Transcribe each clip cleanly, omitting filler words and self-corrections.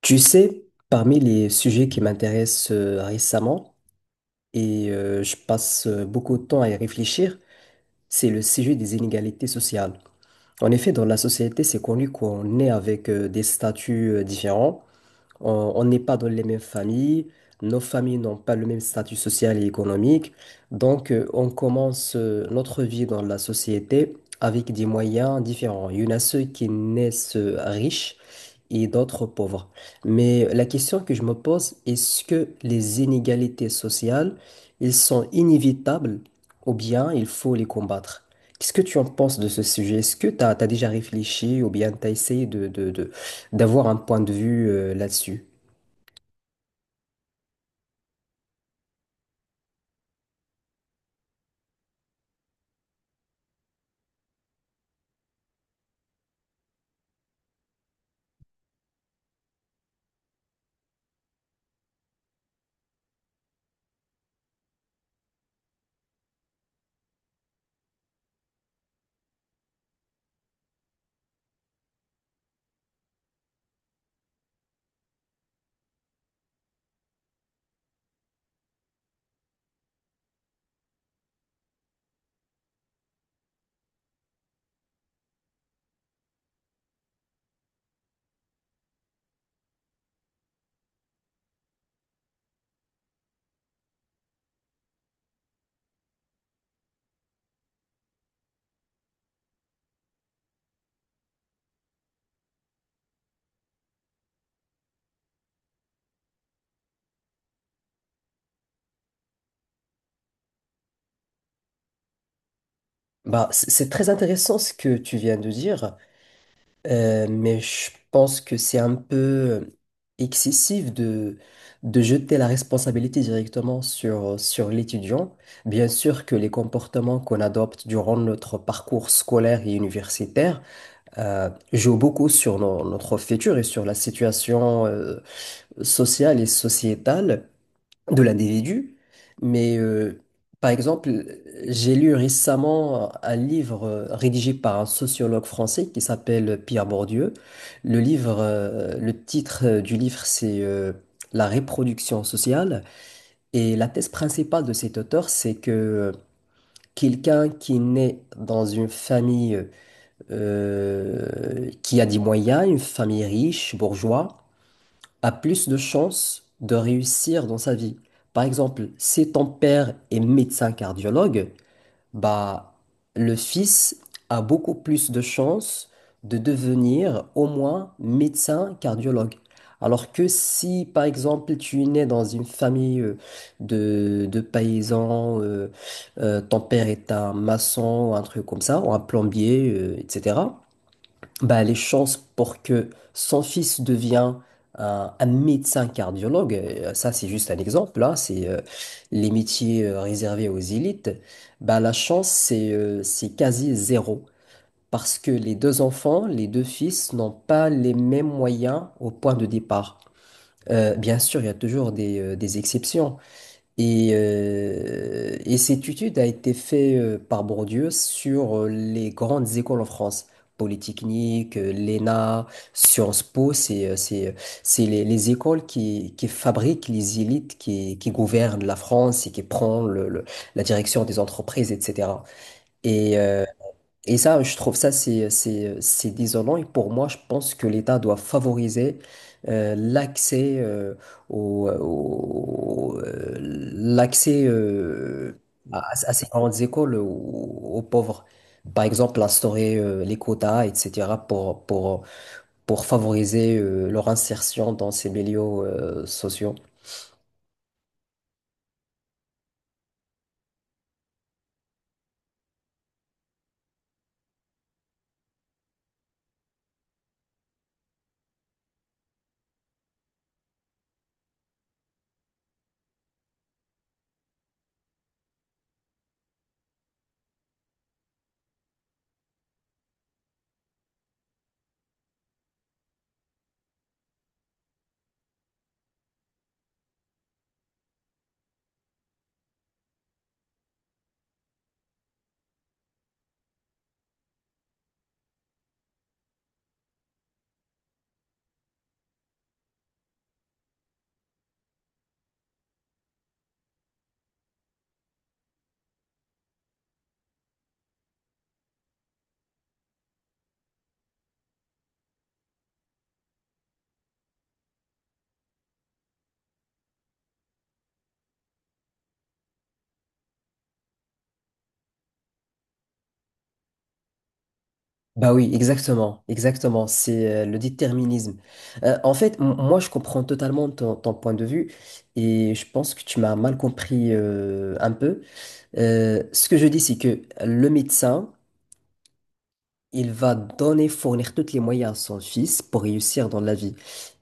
Tu sais, parmi les sujets qui m'intéressent récemment, et je passe beaucoup de temps à y réfléchir, c'est le sujet des inégalités sociales. En effet, dans la société, c'est connu qu'on est avec des statuts différents. On n'est pas dans les mêmes familles, nos familles n'ont pas le même statut social et économique, donc on commence notre vie dans la société avec des moyens différents. Il y en a ceux qui naissent riches et d'autres pauvres. Mais la question que je me pose, est-ce que les inégalités sociales, elles sont inévitables ou bien il faut les combattre? Qu'est-ce que tu en penses de ce sujet? Est-ce que tu as, déjà réfléchi ou bien tu as essayé d'avoir un point de vue là-dessus? Bah, c'est très intéressant ce que tu viens de dire, mais je pense que c'est un peu excessif de jeter la responsabilité directement sur l'étudiant. Bien sûr que les comportements qu'on adopte durant notre parcours scolaire et universitaire jouent beaucoup sur notre futur et sur la situation sociale et sociétale de l'individu. Mais par exemple, j'ai lu récemment un livre rédigé par un sociologue français qui s'appelle Pierre Bourdieu. Le livre, le titre du livre, c'est La reproduction sociale. Et la thèse principale de cet auteur, c'est que quelqu'un qui naît dans une famille qui a des moyens, une famille riche, bourgeois, a plus de chances de réussir dans sa vie. Par exemple, si ton père est médecin cardiologue, bah, le fils a beaucoup plus de chances de devenir au moins médecin cardiologue. Alors que si, par exemple, tu es né dans une famille de paysans, ton père est un maçon ou un truc comme ça, ou un plombier, etc. Bah, les chances pour que son fils devienne un médecin cardiologue, ça c'est juste un exemple, là, c'est les métiers réservés aux élites, bah, la chance c'est quasi zéro. Parce que les deux enfants, les deux fils n'ont pas les mêmes moyens au point de départ. Bien sûr, il y a toujours des exceptions, et cette étude a été faite par Bourdieu sur les grandes écoles en France. Polytechnique, l'ENA, Sciences Po, c'est les écoles qui qui fabriquent les élites qui qui, gouvernent la France et qui prennent la direction des entreprises, etc. Et, euh, et ça, je trouve ça, c'est désolant. Et pour moi, je pense que l'État doit favoriser l'accès l'accès à ces grandes écoles aux pauvres. Par exemple, instaurer les quotas, etc., pour favoriser leur insertion dans ces milieux sociaux. Bah oui, exactement, exactement, c'est le déterminisme. En fait, moi, je comprends totalement ton point de vue et je pense que tu m'as mal compris un peu. Ce que je dis, c'est que le médecin, il va donner, fournir tous les moyens à son fils pour réussir dans la vie.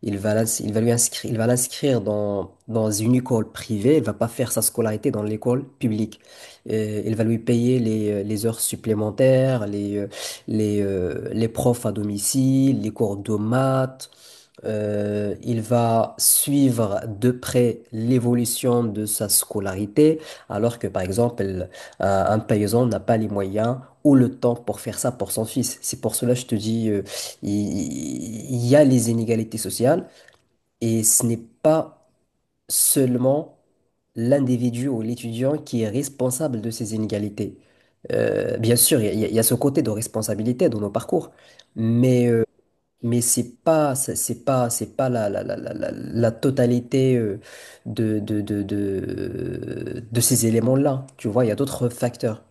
Il va lui inscrire, il va l'inscrire dans une école privée. Il va pas faire sa scolarité dans l'école publique. Il va lui payer les heures supplémentaires, les profs à domicile, les cours de maths, il va suivre de près l'évolution de sa scolarité, alors que par exemple, un paysan n'a pas les moyens ou le temps pour faire ça pour son fils. C'est pour cela que je te dis, il y a les inégalités sociales et ce n'est pas seulement l'individu ou l'étudiant qui est responsable de ces inégalités. Bien sûr, il y a ce côté de responsabilité dans nos parcours, mais euh, mais c'est pas, c'est pas la totalité de ces éléments-là. Tu vois, il y a d'autres facteurs.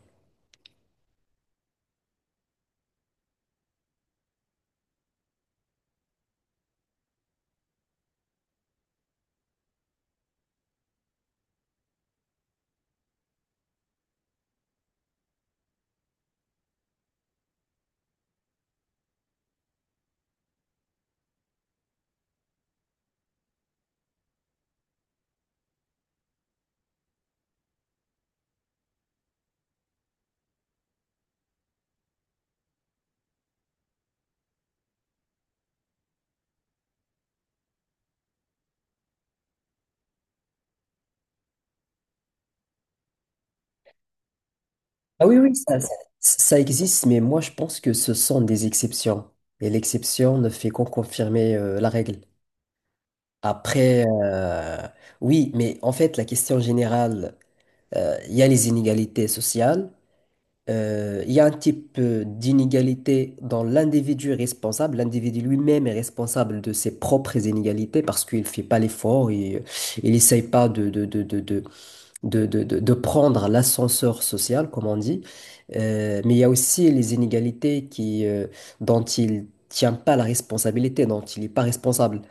Ah oui, oui, ça existe, mais moi je pense que ce sont des exceptions. Et l'exception ne fait qu'en confirmer la règle. Après, oui, mais en fait, la question générale, il y a les inégalités sociales. Il y a un type d'inégalité dans l'individu responsable. L'individu lui-même est responsable de ses propres inégalités parce qu'il ne fait pas l'effort, il n'essaye pas de prendre l'ascenseur social, comme on dit. Mais il y a aussi les inégalités dont il tient pas la responsabilité, dont il n'est pas responsable.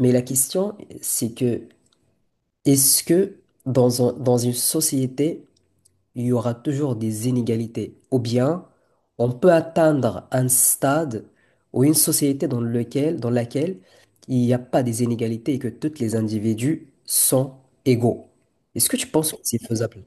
Mais la question, c'est que est-ce que dans une société, il y aura toujours des inégalités. Ou bien, on peut atteindre un stade ou une société dans laquelle il n'y a pas des inégalités et que tous les individus sont égaux. Est-ce que tu penses que c'est faisable?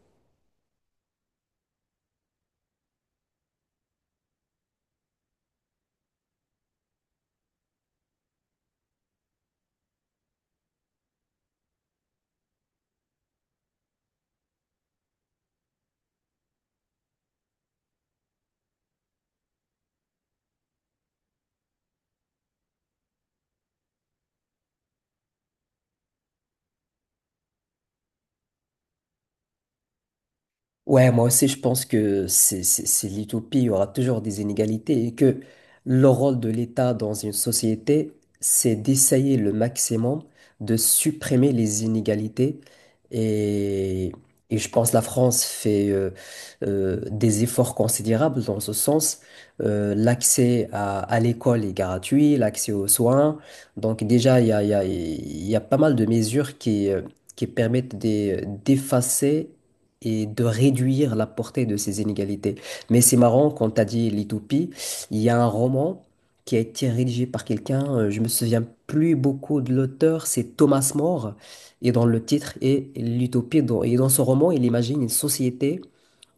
Ouais, moi aussi, je pense que c'est l'utopie. Il y aura toujours des inégalités et que le rôle de l'État dans une société, c'est d'essayer le maximum de supprimer les inégalités. Et, et je pense que la France fait des efforts considérables dans ce sens. L'accès à l'école est gratuit, l'accès aux soins. Donc déjà, il y a pas mal de mesures qui permettent d'effacer et de réduire la portée de ces inégalités. Mais c'est marrant, quand tu as dit l'utopie, il y a un roman qui a été rédigé par quelqu'un, je me souviens plus beaucoup de l'auteur, c'est Thomas More, et dans le titre est l'utopie. Et dans ce roman, il imagine une société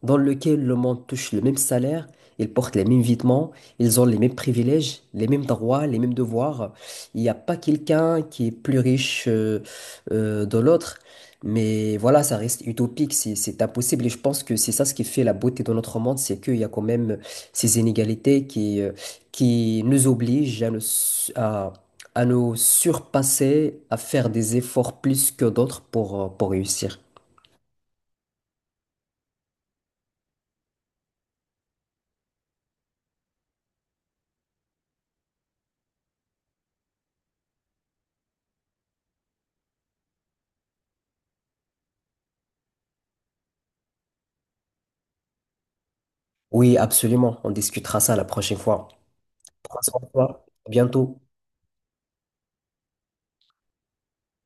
dans laquelle le monde touche le même salaire. Ils portent les mêmes vêtements, ils ont les mêmes privilèges, les mêmes droits, les mêmes devoirs. Il n'y a pas quelqu'un qui est plus riche de l'autre. Mais voilà, ça reste utopique, c'est impossible. Et je pense que c'est ça ce qui fait la beauté de notre monde, c'est qu'il y a quand même ces inégalités qui nous obligent à à nous surpasser, à faire des efforts plus que d'autres pour réussir. Oui, absolument. On discutera ça la prochaine fois. Prends soin de toi. À bientôt.